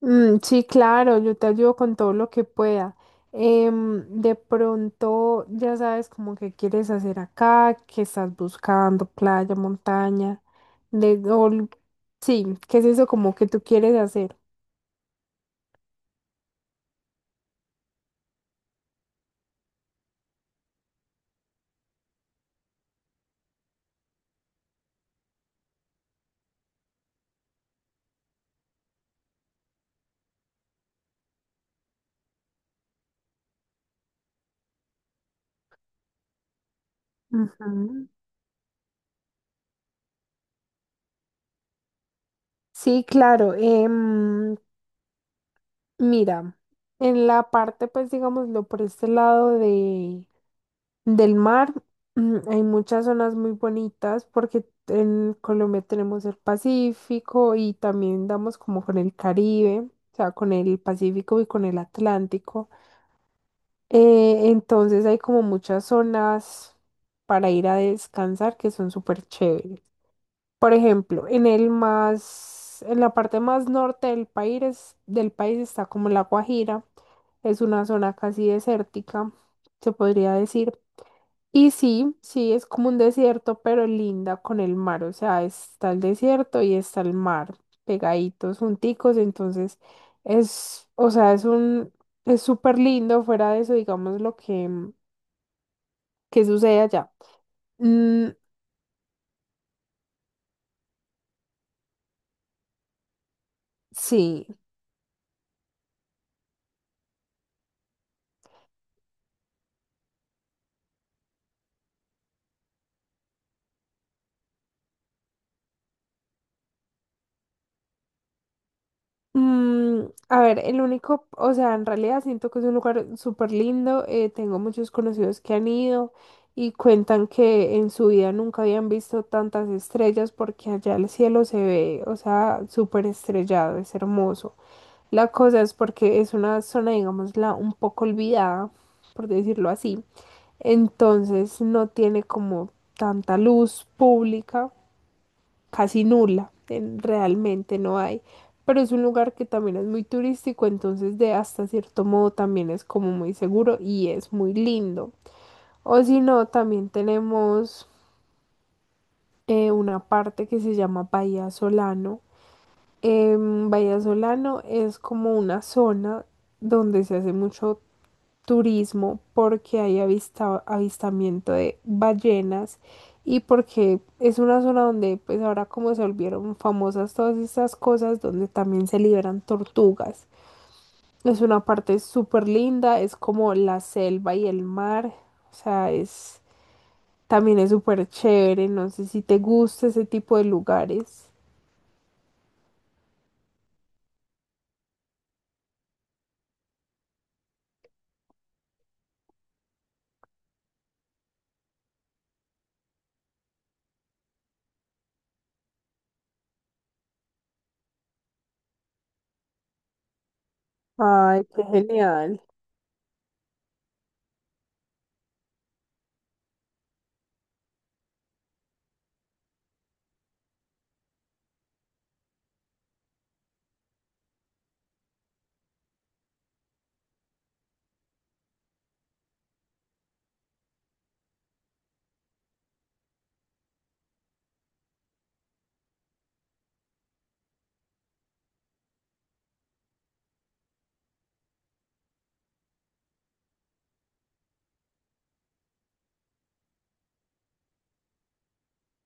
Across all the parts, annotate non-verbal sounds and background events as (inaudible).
Mm, sí, claro, yo te ayudo con todo lo que pueda. De pronto ya sabes como que quieres hacer acá, que estás buscando playa, montaña, de, o l- sí, ¿qué es eso como que tú quieres hacer? Ujú. Sí, claro. Mira, en la parte, pues digámoslo, por este lado de, del mar, hay muchas zonas muy bonitas porque en Colombia tenemos el Pacífico y también damos como con el Caribe, o sea, con el Pacífico y con el Atlántico. Entonces hay como muchas zonas para ir a descansar que son súper chéveres. Por ejemplo, en el más, en la parte más norte del país está como La Guajira, es una zona casi desértica, se podría decir. Y sí, sí, es como un desierto, pero linda con el mar. O sea, está el desierto y está el mar, pegaditos, junticos. Entonces, es, o sea, es un, es súper lindo fuera de eso, digamos, lo que sucede allá. Mm, sí. Mm, a ver, el único, o sea, en realidad siento que es un lugar súper lindo. Tengo muchos conocidos que han ido y cuentan que en su vida nunca habían visto tantas estrellas porque allá el cielo se ve, o sea, súper estrellado, es hermoso. La cosa es porque es una zona, digámosla, un poco olvidada, por decirlo así. Entonces no tiene como tanta luz pública, casi nula, en- realmente no hay, pero es un lugar que también es muy turístico, entonces de hasta cierto modo también es como muy seguro y es muy lindo. O si no, también tenemos una parte que se llama Bahía Solano. Bahía Solano es como una zona donde se hace mucho turismo porque hay avista- avistamiento de ballenas y porque es una zona donde pues ahora como se volvieron famosas todas estas cosas donde también se liberan tortugas. Es una parte súper linda, es como la selva y el mar, o sea, es también es súper chévere, no sé si te gusta ese tipo de lugares. Ay, qué genial.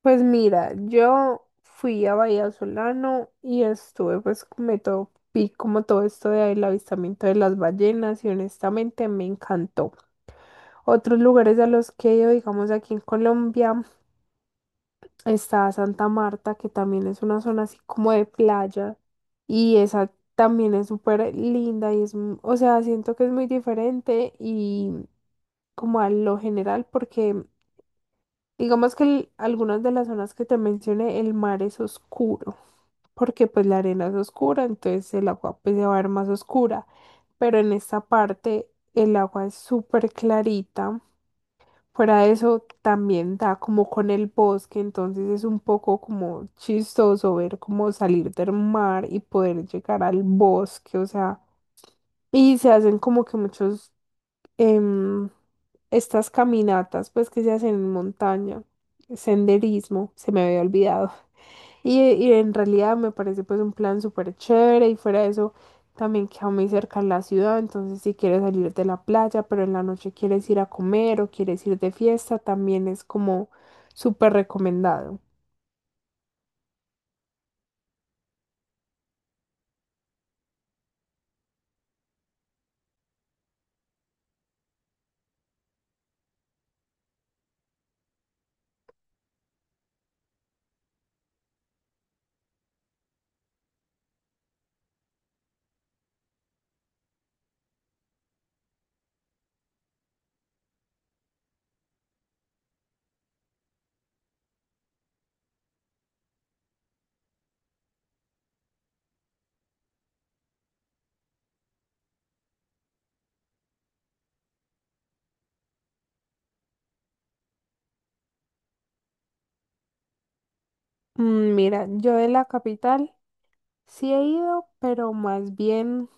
Pues mira, yo fui a Bahía Solano y estuve pues me topé como todo esto del avistamiento de las ballenas y honestamente me encantó. Otros lugares a los que he ido, digamos aquí en Colombia, está Santa Marta, que también es una zona así como de playa y esa también es súper linda y es, m- o sea, siento que es muy diferente y como a lo general porque digamos que el- algunas de las zonas que te mencioné, el mar es oscuro, porque pues la arena es oscura, entonces el agua pues se va a ver más oscura, pero en esta parte el agua es súper clarita. Fuera de eso también da como con el bosque, entonces es un poco como chistoso ver cómo salir del mar y poder llegar al bosque, o sea, y se hacen como que muchos em, estas caminatas, pues que se hacen en montaña, senderismo, se me había olvidado. (laughs) Y en realidad me parece pues un plan súper chévere y fuera de eso también queda muy cerca la ciudad, entonces si quieres salir de la playa, pero en la noche quieres ir a comer o quieres ir de fiesta, también es como súper recomendado. Mm, mira, yo de la capital sí he ido, pero más bien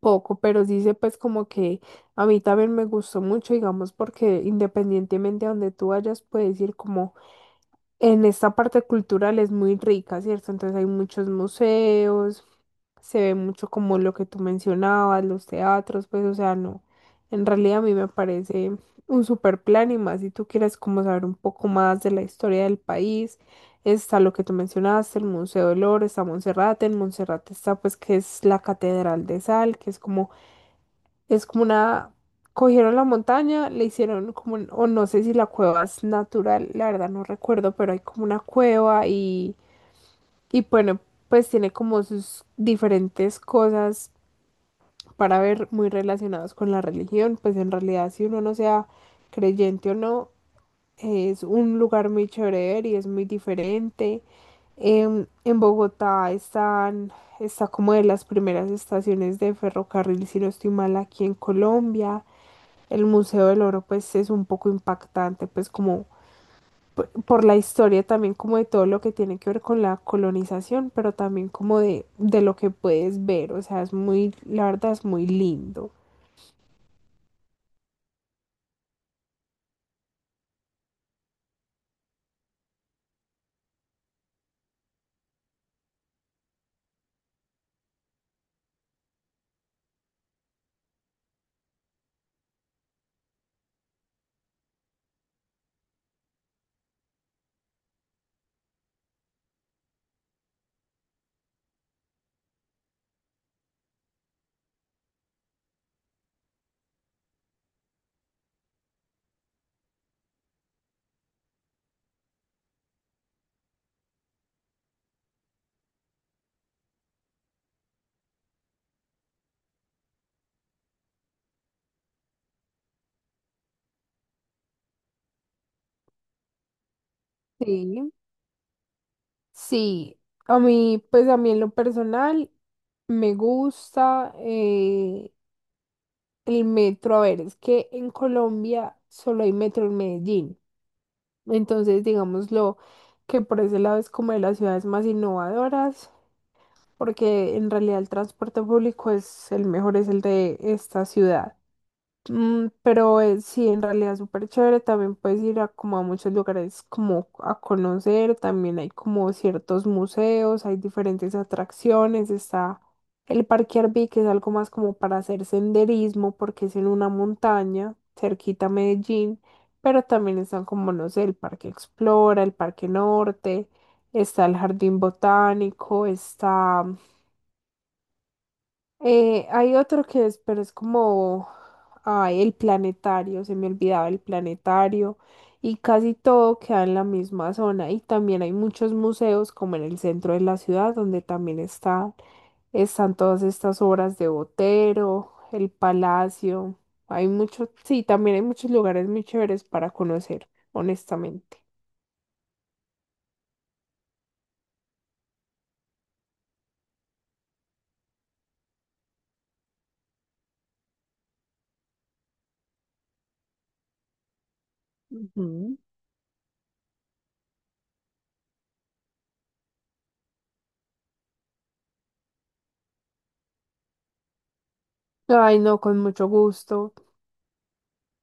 poco, pero sí sé pues como que a mí también me gustó mucho, digamos, porque independientemente a donde tú vayas, puedes ir como en esta parte cultural es muy rica, ¿cierto? Entonces hay muchos museos, se ve mucho como lo que tú mencionabas, los teatros, pues o sea, no, en realidad a mí me parece un super plan y más si tú quieres como saber un poco más de la historia del país. Está lo que tú mencionaste, el Museo del Oro, está Monserrate, en Monserrate está pues que es la Catedral de Sal, que es como una, cogieron la montaña, le hicieron como, un- o no sé si la cueva es natural, la verdad no recuerdo, pero hay como una cueva y bueno, pues tiene como sus diferentes cosas para ver muy relacionadas con la religión, pues en realidad si uno no sea creyente o no, es un lugar muy chévere de ver y es muy diferente. En Bogotá están, está como de las primeras estaciones de ferrocarril, si no estoy mal, aquí en Colombia el Museo del Oro pues es un poco impactante pues como por la historia también como de todo lo que tiene que ver con la colonización, pero también como de lo que puedes ver, o sea, es muy, la verdad es muy lindo. Sí. Sí, a mí pues a mí en lo personal me gusta el metro, a ver, es que en Colombia solo hay metro en Medellín, entonces digámoslo que por ese lado es como de las ciudades más innovadoras. Porque en realidad el transporte público es el mejor, es el de esta ciudad. Mm, pero sí, en realidad es súper chévere, también puedes ir a como a muchos lugares como a conocer, también hay como ciertos museos, hay diferentes atracciones, está el Parque Arví, que es algo más como para hacer senderismo, porque es en una montaña, cerquita a Medellín, pero también están como, no sé, el Parque Explora, el Parque Norte, está el Jardín Botánico, está hay otro que es, pero es como, ay, el planetario, se me olvidaba el planetario, y casi todo queda en la misma zona. Y también hay muchos museos, como en el centro de la ciudad, donde también está, están todas estas obras de Botero, el Palacio. Hay muchos, sí, también hay muchos lugares muy chéveres para conocer, honestamente. Ujú. Ay, no, con mucho gusto.